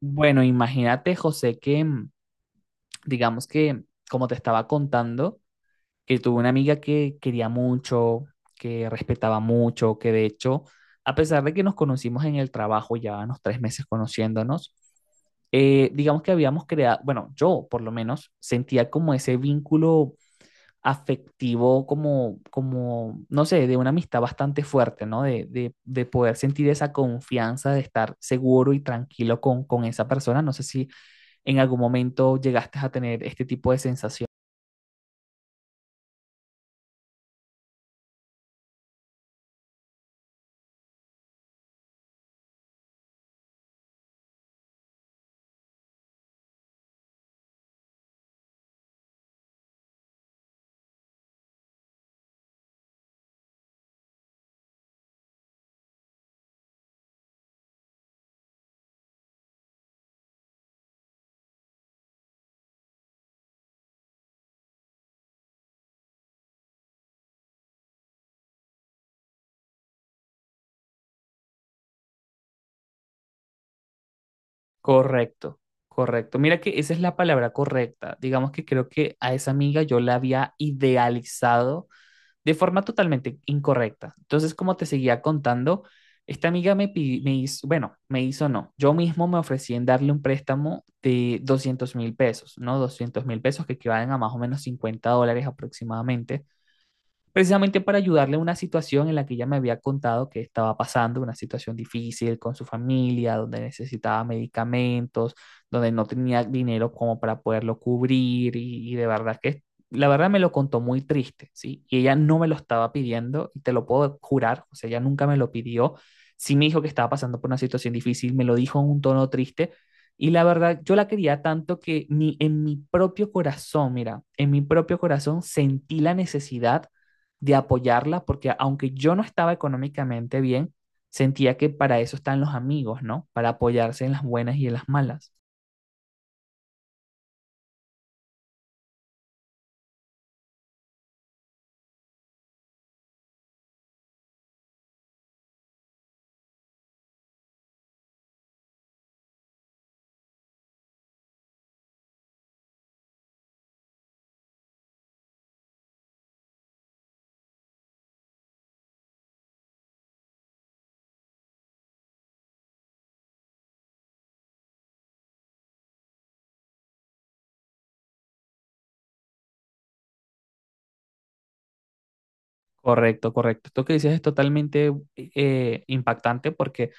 Bueno, imagínate, José, que digamos que, como te estaba contando, que tuve una amiga que quería mucho, que respetaba mucho, que de hecho, a pesar de que nos conocimos en el trabajo, ya unos tres meses conociéndonos, digamos que habíamos creado, bueno, yo por lo menos sentía como ese vínculo afectivo, como, no sé, de una amistad bastante fuerte, ¿no? De poder sentir esa confianza, de estar seguro y tranquilo con esa persona. No sé si en algún momento llegaste a tener este tipo de sensación. Correcto, correcto. Mira que esa es la palabra correcta. Digamos que creo que a esa amiga yo la había idealizado de forma totalmente incorrecta. Entonces, como te seguía contando, esta amiga me hizo, bueno, me hizo no. Yo mismo me ofrecí en darle un préstamo de 200.000 pesos, ¿no? 200.000 pesos que equivalen a más o menos $50 aproximadamente, precisamente para ayudarle a una situación en la que ella me había contado que estaba pasando, una situación difícil con su familia, donde necesitaba medicamentos, donde no tenía dinero como para poderlo cubrir y de verdad que la verdad me lo contó muy triste, ¿sí? Y ella no me lo estaba pidiendo y te lo puedo jurar, o sea, ella nunca me lo pidió, sí me dijo que estaba pasando por una situación difícil, me lo dijo en un tono triste, y la verdad, yo la quería tanto que ni en mi propio corazón, mira, en mi propio corazón sentí la necesidad de apoyarla, porque aunque yo no estaba económicamente bien, sentía que para eso están los amigos, ¿no? Para apoyarse en las buenas y en las malas. Correcto, correcto. Esto que dices es totalmente impactante porque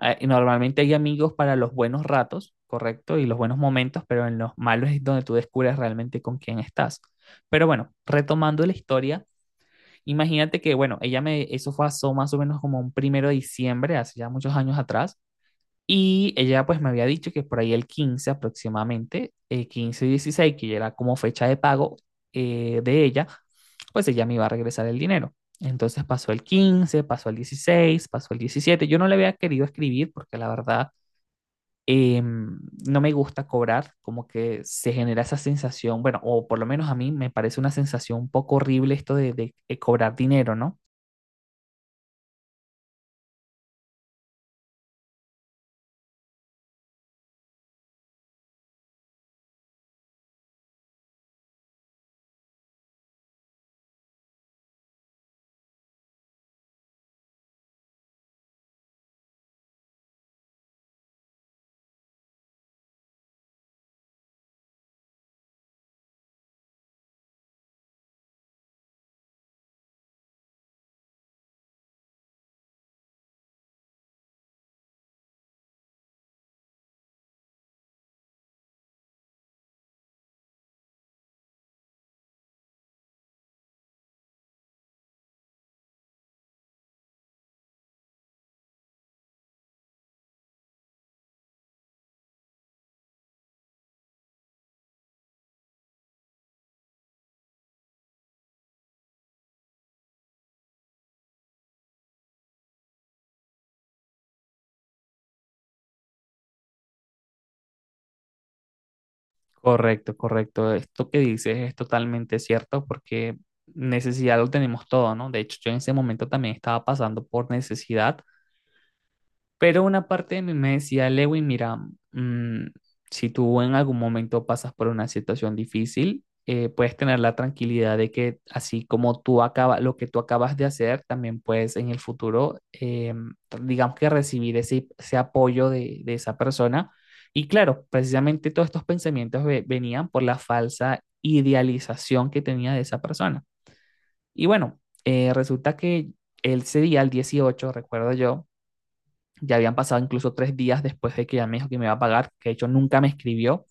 normalmente hay amigos para los buenos ratos, correcto, y los buenos momentos, pero en los malos es donde tú descubres realmente con quién estás. Pero bueno, retomando la historia, imagínate que, bueno, ella me, eso fue a- so- más o menos como un primero de diciembre, hace ya muchos años atrás, y ella pues me había dicho que por ahí el 15 aproximadamente, 15 y 16, que ya era como fecha de pago de ella, pues ella me iba a regresar el dinero. Entonces pasó el 15, pasó el 16, pasó el 17. Yo no le había querido escribir porque la verdad no me gusta cobrar, como que se genera esa sensación, bueno, o por lo menos a mí me parece una sensación un poco horrible esto de cobrar dinero, ¿no? Correcto, correcto. Esto que dices es totalmente cierto porque necesidad lo tenemos todo, ¿no? De hecho, yo en ese momento también estaba pasando por necesidad, pero una parte de mí me decía, Lewin, mira, mm, si tú en algún momento pasas por una situación difícil, puedes tener la tranquilidad de que así como tú acabas, lo que tú acabas de hacer, también puedes en el futuro, digamos que recibir ese apoyo de esa persona. Y claro, precisamente todos estos pensamientos venían por la falsa idealización que tenía de esa persona. Y bueno, resulta que ese día, el 18 recuerdo yo, ya habían pasado incluso 3 días después de que ella me dijo que me iba a pagar, que de hecho nunca me escribió.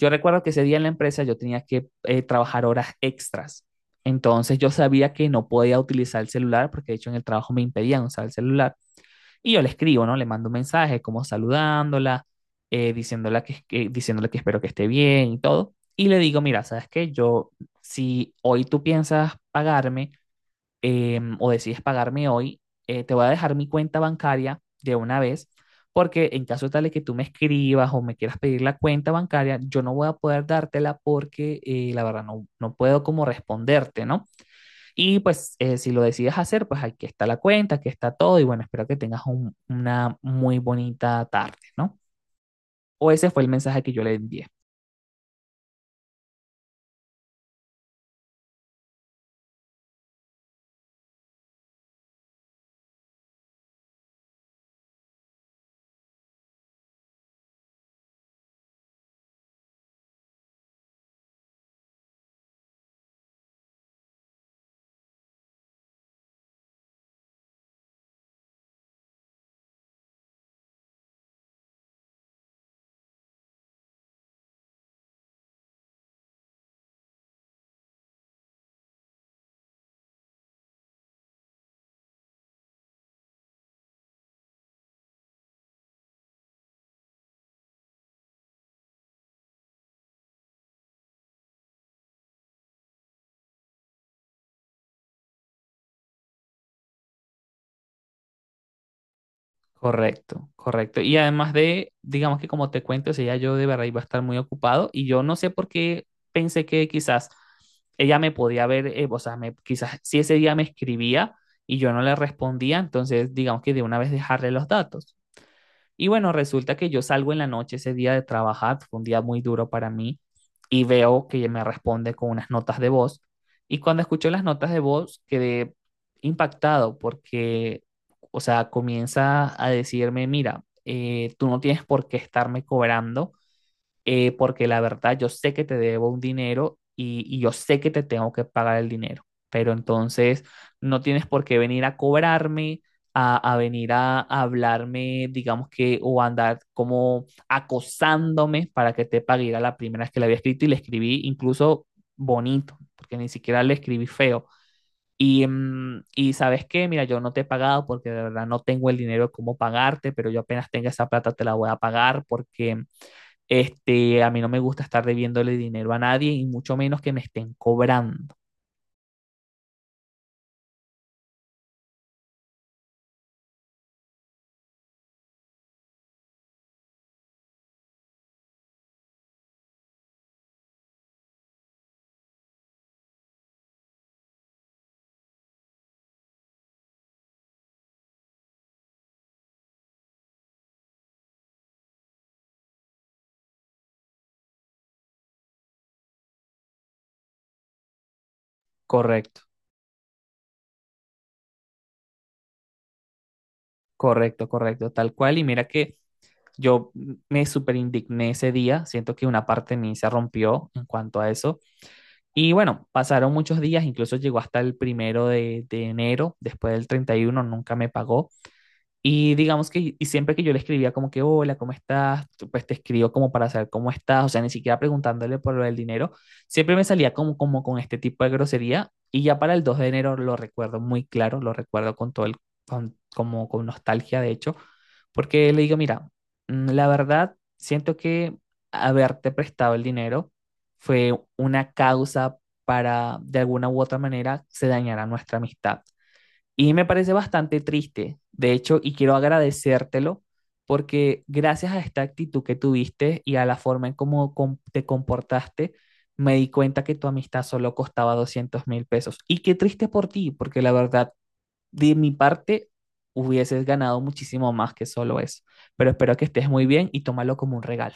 Yo recuerdo que ese día en la empresa yo tenía que trabajar horas extras. Entonces yo sabía que no podía utilizar el celular porque de hecho en el trabajo me impedían usar el celular. Y yo le escribo, ¿no? Le mando un mensaje como saludándola, diciéndole que espero que esté bien y todo. Y le digo, mira, ¿sabes qué? Yo, si hoy tú piensas pagarme, o decides pagarme hoy, te voy a dejar mi cuenta bancaria de una vez, porque en caso tal de que tú me escribas o me quieras pedir la cuenta bancaria, yo no voy a poder dártela porque la verdad no, no puedo como responderte, ¿no? Y pues si lo decides hacer, pues aquí está la cuenta, aquí está todo y bueno, espero que tengas una muy bonita tarde, ¿no? O ese fue el mensaje que yo le envié. Correcto, correcto. Y además de, digamos que como te cuento, o sea, ya yo de verdad iba a estar muy ocupado y yo no sé por qué pensé que quizás ella me podía ver, o sea, quizás si ese día me escribía y yo no le respondía, entonces digamos que de una vez dejarle los datos. Y bueno, resulta que yo salgo en la noche ese día de trabajar, fue un día muy duro para mí, y veo que ella me responde con unas notas de voz. Y cuando escucho las notas de voz, quedé impactado porque, o sea, comienza a decirme, mira, tú no tienes por qué estarme cobrando porque la verdad yo sé que te debo un dinero y yo sé que te tengo que pagar el dinero, pero entonces no tienes por qué venir a cobrarme, a venir a hablarme, digamos que, o a andar como acosándome para que te pague. Era la primera vez que le había escrito y le escribí incluso bonito, porque ni siquiera le escribí feo. Y, y sabes qué, mira, yo no te he pagado porque de verdad no tengo el dinero como pagarte, pero yo apenas tenga esa plata te la voy a pagar porque este, a mí no me gusta estar debiéndole dinero a nadie y mucho menos que me estén cobrando. Correcto, correcto, correcto, tal cual. Y mira que yo me súper indigné ese día, siento que una parte de mí se rompió en cuanto a eso. Y bueno, pasaron muchos días, incluso llegó hasta el primero de enero, después del 31 nunca me pagó. Y digamos que y siempre que yo le escribía como que, hola, ¿cómo estás? Tú, pues te escribo como para saber cómo estás, o sea, ni siquiera preguntándole por lo del dinero, siempre me salía como, como con este tipo de grosería y ya para el 2 de enero lo recuerdo muy claro, lo recuerdo con todo el, como con nostalgia de hecho, porque le digo, mira, la verdad, siento que haberte prestado el dinero fue una causa para, de alguna u otra manera, se dañara nuestra amistad. Y me parece bastante triste, de hecho, y quiero agradecértelo porque gracias a esta actitud que tuviste y a la forma en cómo te comportaste, me di cuenta que tu amistad solo costaba 200.000 pesos. Y qué triste por ti, porque la verdad, de mi parte, hubieses ganado muchísimo más que solo eso. Pero espero que estés muy bien y tómalo como un regalo.